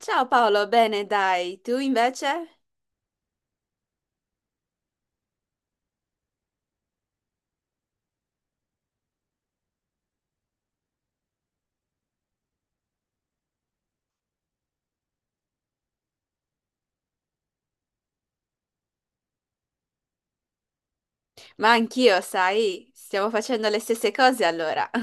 Ciao Paolo, bene, dai, tu invece? Ma anch'io, sai, stiamo facendo le stesse cose allora.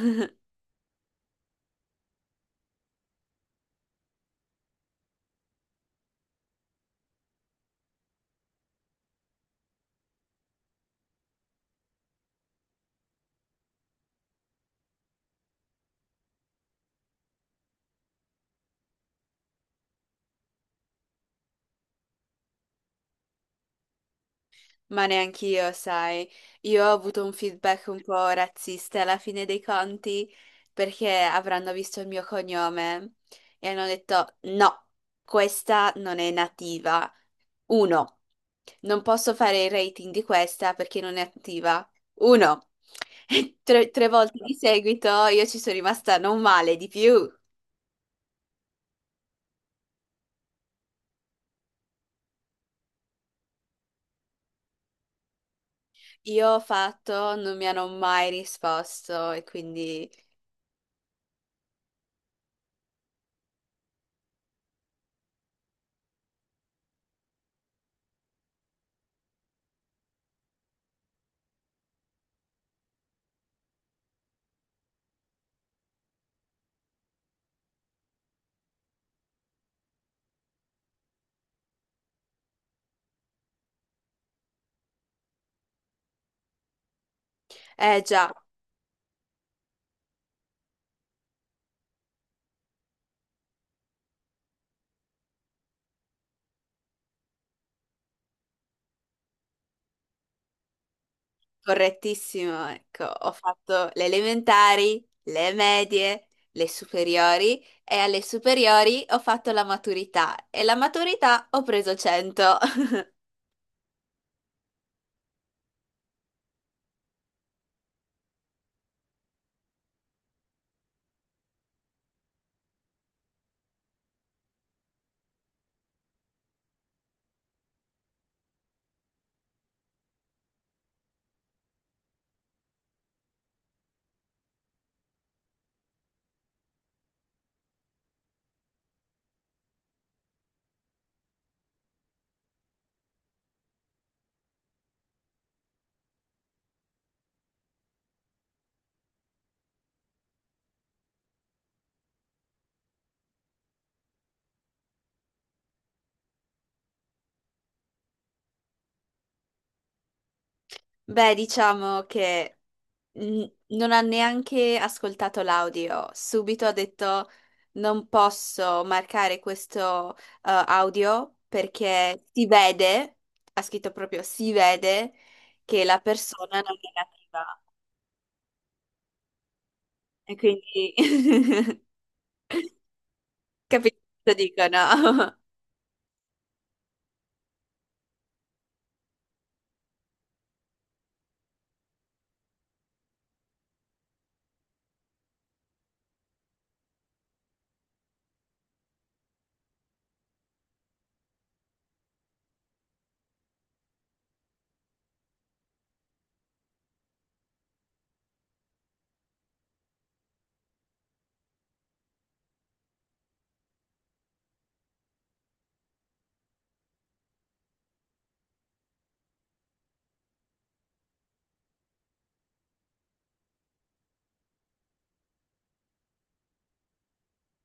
Ma neanch'io, sai, io ho avuto un feedback un po' razzista alla fine dei conti, perché avranno visto il mio cognome e hanno detto no, questa non è nativa. Uno, non posso fare il rating di questa perché non è attiva. Uno, e tre, tre volte di seguito io ci sono rimasta non male di più. Io ho fatto, non mi hanno mai risposto e quindi, eh già, correttissimo, ecco, ho fatto le elementari, le medie, le superiori e alle superiori ho fatto la maturità e la maturità ho preso 100. Beh, diciamo che mm, non ha neanche ascoltato l'audio. Subito ha detto non posso marcare questo audio perché si vede, ha scritto proprio si vede che la persona non è nativa. E quindi capisco cosa dicono.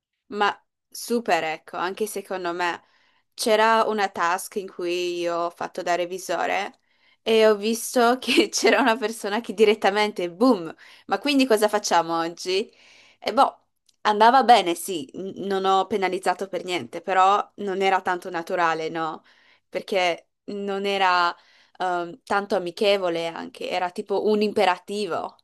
Ma super, ecco, anche secondo me. C'era una task in cui io ho fatto da revisore e ho visto che c'era una persona che direttamente, boom, ma quindi cosa facciamo oggi? E boh, andava bene, sì, non ho penalizzato per niente, però non era tanto naturale, no? Perché non era tanto amichevole anche, era tipo un imperativo.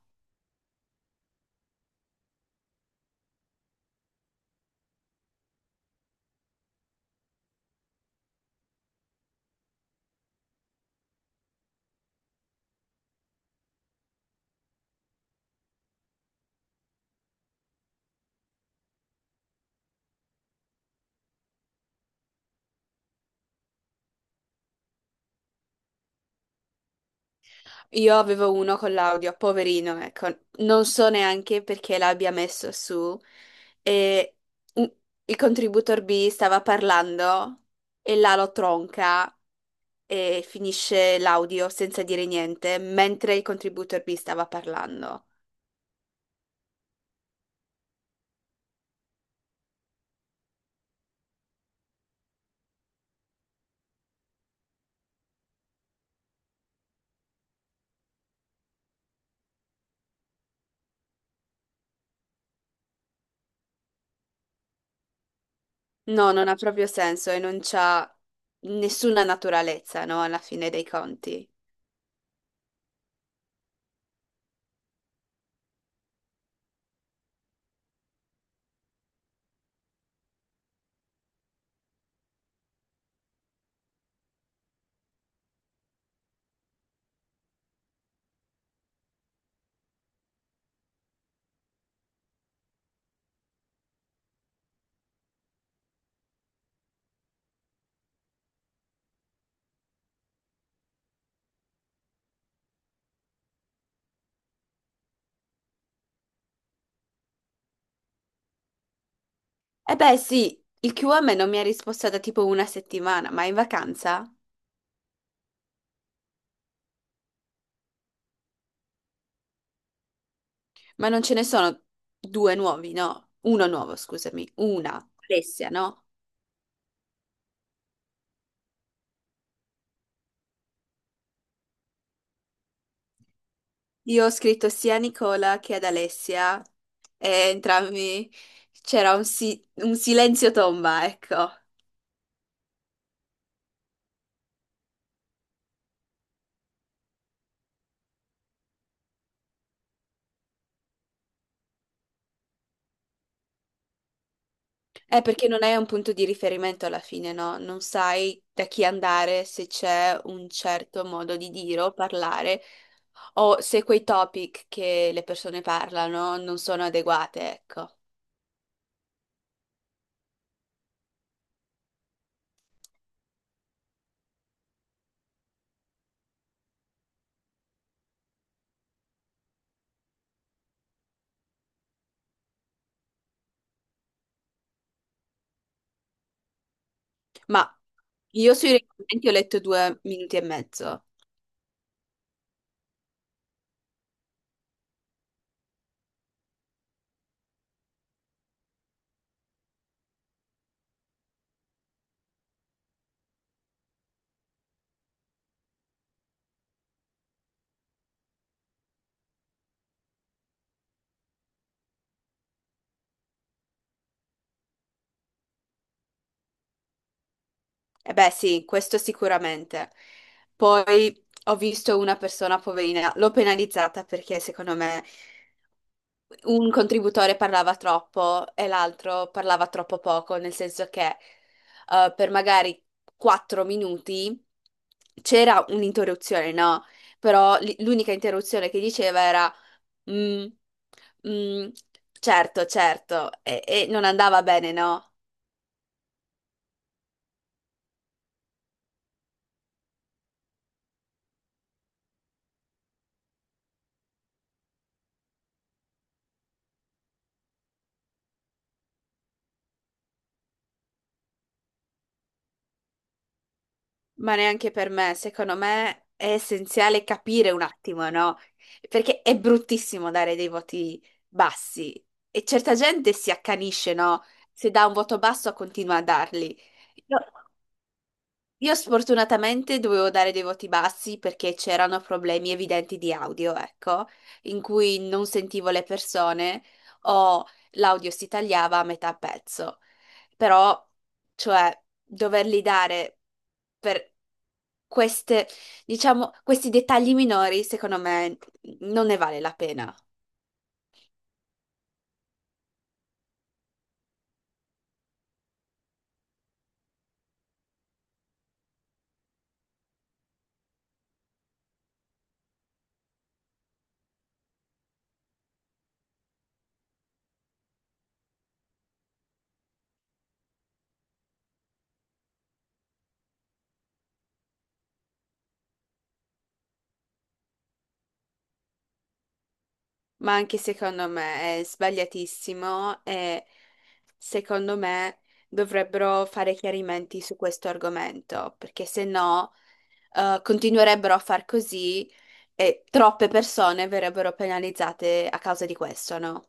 Io avevo uno con l'audio, poverino, ecco, non so neanche perché l'abbia messo su. E un- il contributor B stava parlando e là lo tronca e finisce l'audio senza dire niente, mentre il contributor B stava parlando. No, non ha proprio senso e non c'ha nessuna naturalezza, no, alla fine dei conti. E beh, sì, il QM non mi ha risposto da tipo una settimana, ma è in vacanza? Ma non ce ne sono due nuovi, no? Uno nuovo, scusami. Una, Alessia, no? Io ho scritto sia a Nicola che ad Alessia e entrambi c'era un silenzio tomba, ecco. È perché non hai un punto di riferimento alla fine, no? Non sai da chi andare, se c'è un certo modo di dire o parlare, o se quei topic che le persone parlano non sono adeguate, ecco. Ma io sui regolamenti ho letto 2 minuti e mezzo. Eh beh, sì, questo sicuramente. Poi ho visto una persona poverina, l'ho penalizzata perché secondo me un contributore parlava troppo e l'altro parlava troppo poco, nel senso che per magari 4 minuti c'era un'interruzione, no? Però l'unica interruzione che diceva era "Mm, mm, certo, certo, e non andava bene, no?" Ma neanche per me, secondo me è essenziale capire un attimo, no? Perché è bruttissimo dare dei voti bassi e certa gente si accanisce, no? Se dà un voto basso continua a darli. Io, io sfortunatamente dovevo dare dei voti bassi perché c'erano problemi evidenti di audio, ecco, in cui non sentivo le persone o l'audio si tagliava a metà pezzo. Però, cioè, doverli dare per queste, diciamo, questi dettagli minori, secondo me, non ne vale la pena. Ma anche secondo me è sbagliatissimo e secondo me dovrebbero fare chiarimenti su questo argomento, perché se no, continuerebbero a far così e troppe persone verrebbero penalizzate a causa di questo, no?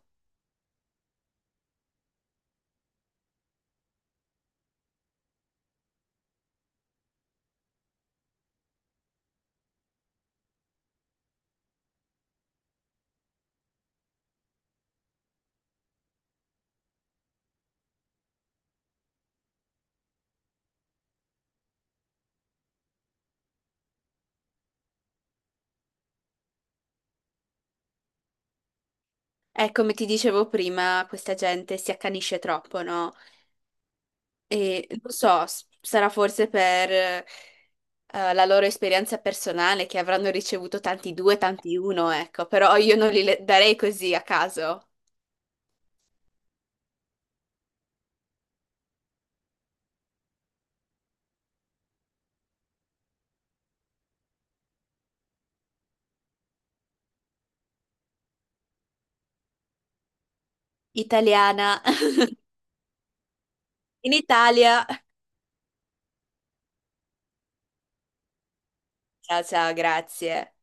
E come ti dicevo prima, questa gente si accanisce troppo, no? E non so, sarà forse per la loro esperienza personale, che avranno ricevuto tanti due, tanti uno, ecco, però io non darei così a caso. Italiana, in Italia. Ciao, ciao, grazie.